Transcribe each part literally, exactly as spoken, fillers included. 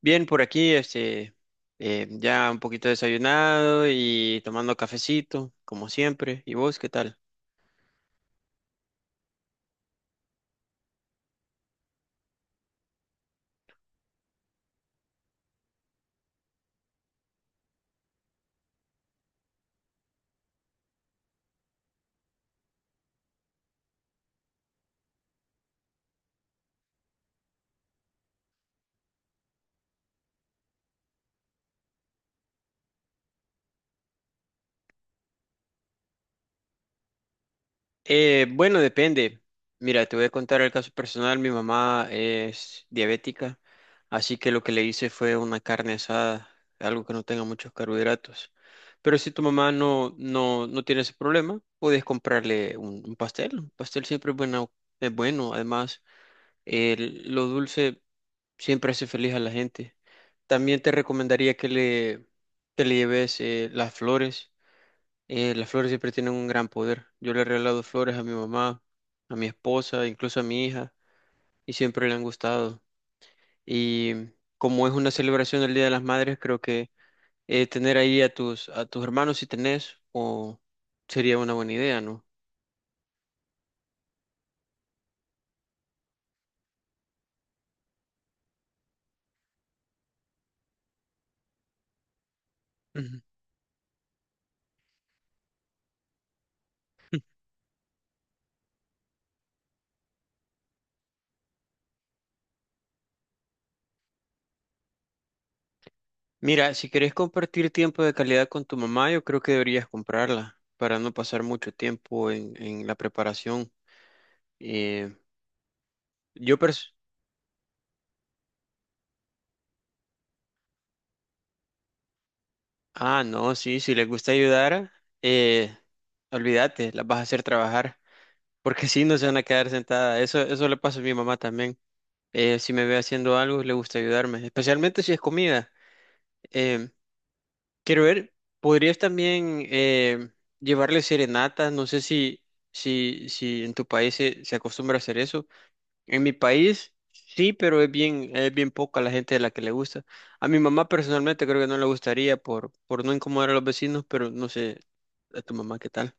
Bien, por aquí, este, eh, ya un poquito desayunado y tomando cafecito, como siempre. ¿Y vos qué tal? Eh, bueno, depende. Mira, te voy a contar el caso personal. Mi mamá es diabética, así que lo que le hice fue una carne asada, algo que no tenga muchos carbohidratos. Pero si tu mamá no, no, no tiene ese problema, puedes comprarle un, un pastel. Un pastel siempre es bueno, es bueno. Además, el- lo dulce siempre hace feliz a la gente. También te recomendaría que le, que le lleves eh, las flores. Eh, las flores siempre tienen un gran poder. Yo le he regalado flores a mi mamá, a mi esposa, incluso a mi hija, y siempre le han gustado. Y como es una celebración del Día de las Madres, creo que eh, tener ahí a tus, a tus hermanos si tenés, o sería una buena idea, ¿no? Mira, si querés compartir tiempo de calidad con tu mamá, yo creo que deberías comprarla para no pasar mucho tiempo en, en la preparación. Eh, yo pers- Ah, no, sí, si les gusta ayudar, eh, olvídate, las vas a hacer trabajar, porque si no se van a quedar sentadas. Eso, eso le pasa a mi mamá también. Eh, si me ve haciendo algo, le gusta ayudarme, especialmente si es comida. Em, Quiero ver, podrías también eh, llevarle serenatas, no sé si, si, si en tu país se, se acostumbra a hacer eso. En mi país sí, pero es bien, es bien poca la gente de la que le gusta. A mi mamá personalmente creo que no le gustaría por, por no incomodar a los vecinos, pero no sé, a tu mamá qué tal.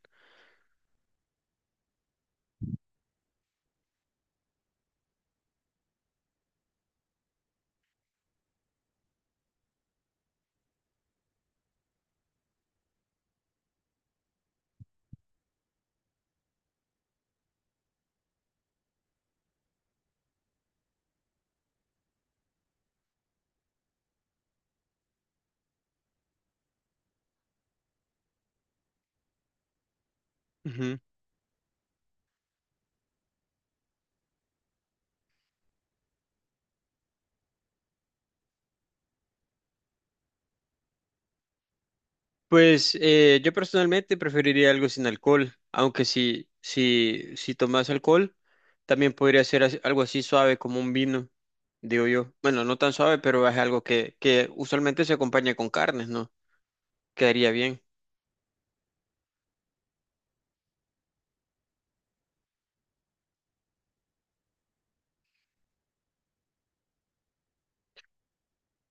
Pues eh, yo personalmente preferiría algo sin alcohol, aunque si, si, si tomas alcohol, también podría ser as- algo así suave como un vino, digo yo. Bueno, no tan suave, pero es algo que, que usualmente se acompaña con carnes, ¿no? Quedaría bien.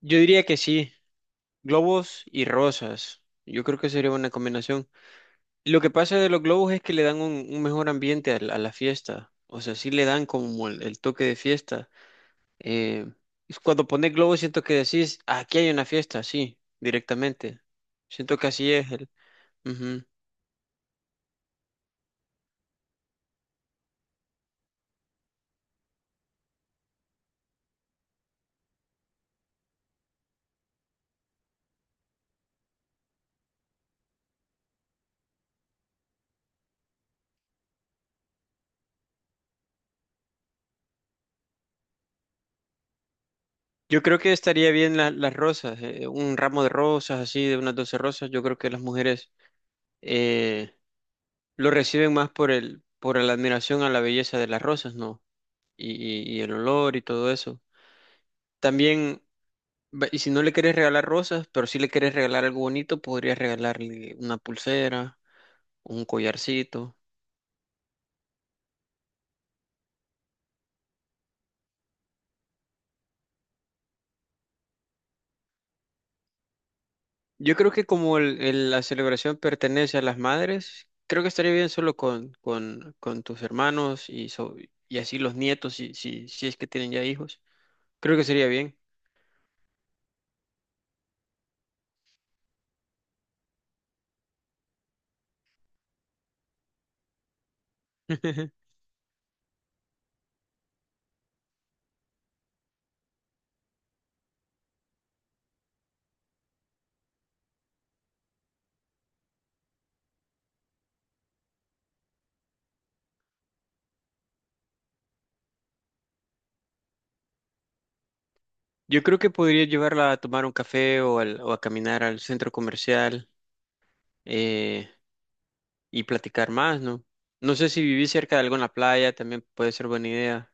Yo diría que sí, globos y rosas. Yo creo que sería una combinación. Lo que pasa de los globos es que le dan un, un mejor ambiente a la, a la fiesta. O sea, sí le dan como el el toque de fiesta. Eh, es cuando pones globo siento que decís, "Ah, aquí hay una fiesta, sí, directamente". Siento que así es el... Ujú. Yo creo que estaría bien la- las rosas, eh, un ramo de rosas, así, de unas doce rosas. Yo creo que las mujeres eh, lo reciben más por el, por la admiración a la belleza de las rosas, ¿no? Y, y- y el olor y todo eso. También, va- y si no le querés regalar rosas, pero si le querés regalar algo bonito, podrías regalarle una pulsera, un collarcito. Yo creo que como el- el- la celebración pertenece a las madres, creo que estaría bien solo con, con, con tus hermanos y, so- y así los nietos, si, si, si es que tienen ya hijos. Creo que sería bien. Yo creo que podría llevarla a tomar un café o, al- o a caminar al centro comercial eh, y platicar más, ¿no? No sé si vivís cerca de alguna playa, también puede ser buena idea.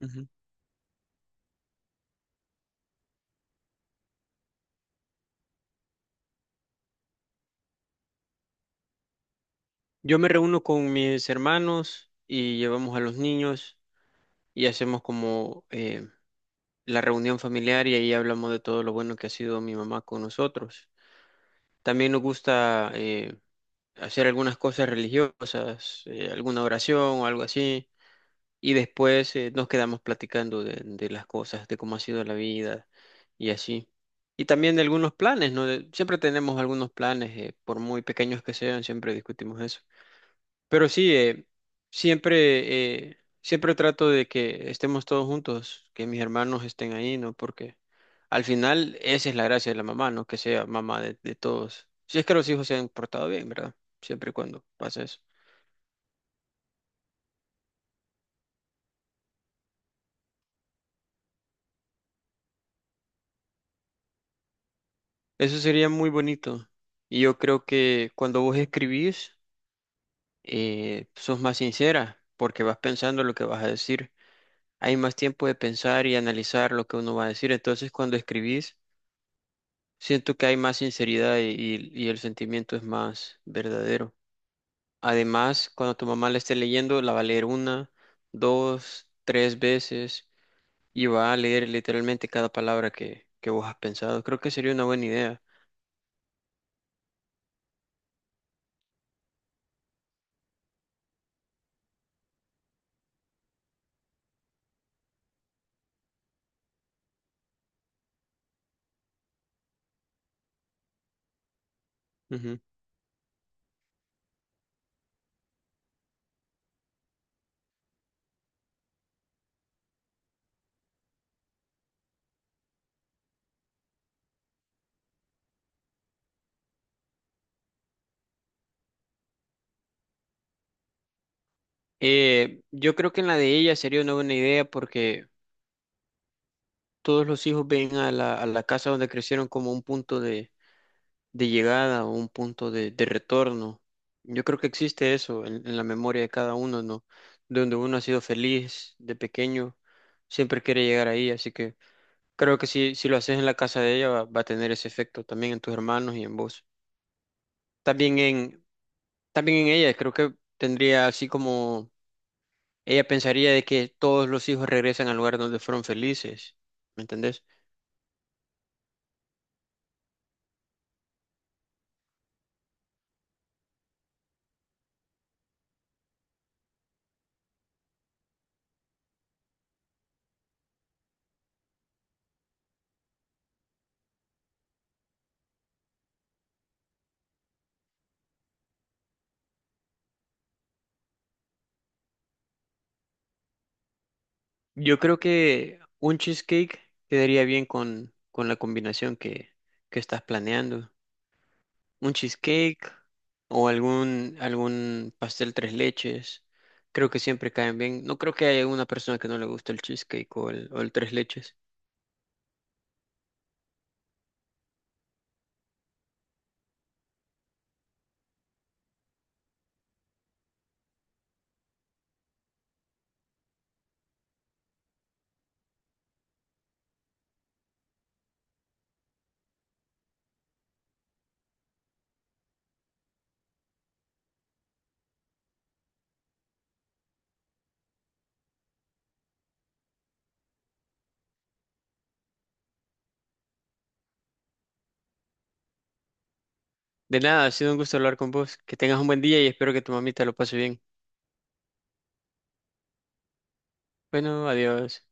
Ujú. Yo me reúno con mis hermanos y llevamos a los niños y hacemos como... eh, la reunión familiar y ahí hablamos de todo lo bueno que ha sido mi mamá con nosotros. También nos gusta eh, hacer algunas cosas religiosas, eh, alguna oración o algo así, y después eh, nos quedamos platicando de, de las cosas, de cómo ha sido la vida y así. Y también de algunos planes, ¿no? De- Siempre tenemos algunos planes, eh, por muy pequeños que sean, siempre discutimos eso. Pero sí, eh, siempre, eh, siempre trato de que estemos todos juntos, que mis hermanos estén ahí, ¿no? Porque al final esa es la gracia de la mamá, ¿no? Que sea mamá de, de todos. Si es que los hijos se han portado bien, ¿verdad? Siempre y cuando pase eso. Eso sería muy bonito. Y yo creo que cuando vos escribís, eh, sos más sincera, porque vas pensando lo que vas a decir. Hay más tiempo de pensar y analizar lo que uno va a decir. Entonces, cuando escribís, siento que hay más sinceridad y, y- y el sentimiento es más verdadero. Además, cuando tu mamá la esté leyendo, la va a leer una, dos, tres veces y va a leer literalmente cada palabra que, que vos has pensado. Creo que sería una buena idea. Ujú. Eh, yo creo que en la de ella sería una buena idea porque todos los hijos ven a la, a la casa donde crecieron como un punto de llegada o un punto de, de retorno. Yo creo que existe eso en, en la memoria de cada uno, ¿no? Donde uno ha sido feliz de pequeño, siempre quiere llegar ahí, así que creo que si, si lo haces en la casa de ella va, va a tener ese efecto también en tus hermanos y en vos. También en, También en ella, creo que tendría así como ella pensaría de que todos los hijos regresan al lugar donde fueron felices, ¿me entendés? Yo creo que un cheesecake quedaría bien con, con la combinación que, que estás planeando. Un cheesecake o algún, algún pastel tres leches. Creo que siempre caen bien. No creo que haya una persona que no le guste el cheesecake o el, o el tres leches. De nada, ha sido un gusto hablar con vos. Que tengas un buen día y espero que tu mamita lo pase bien. Bueno, adiós.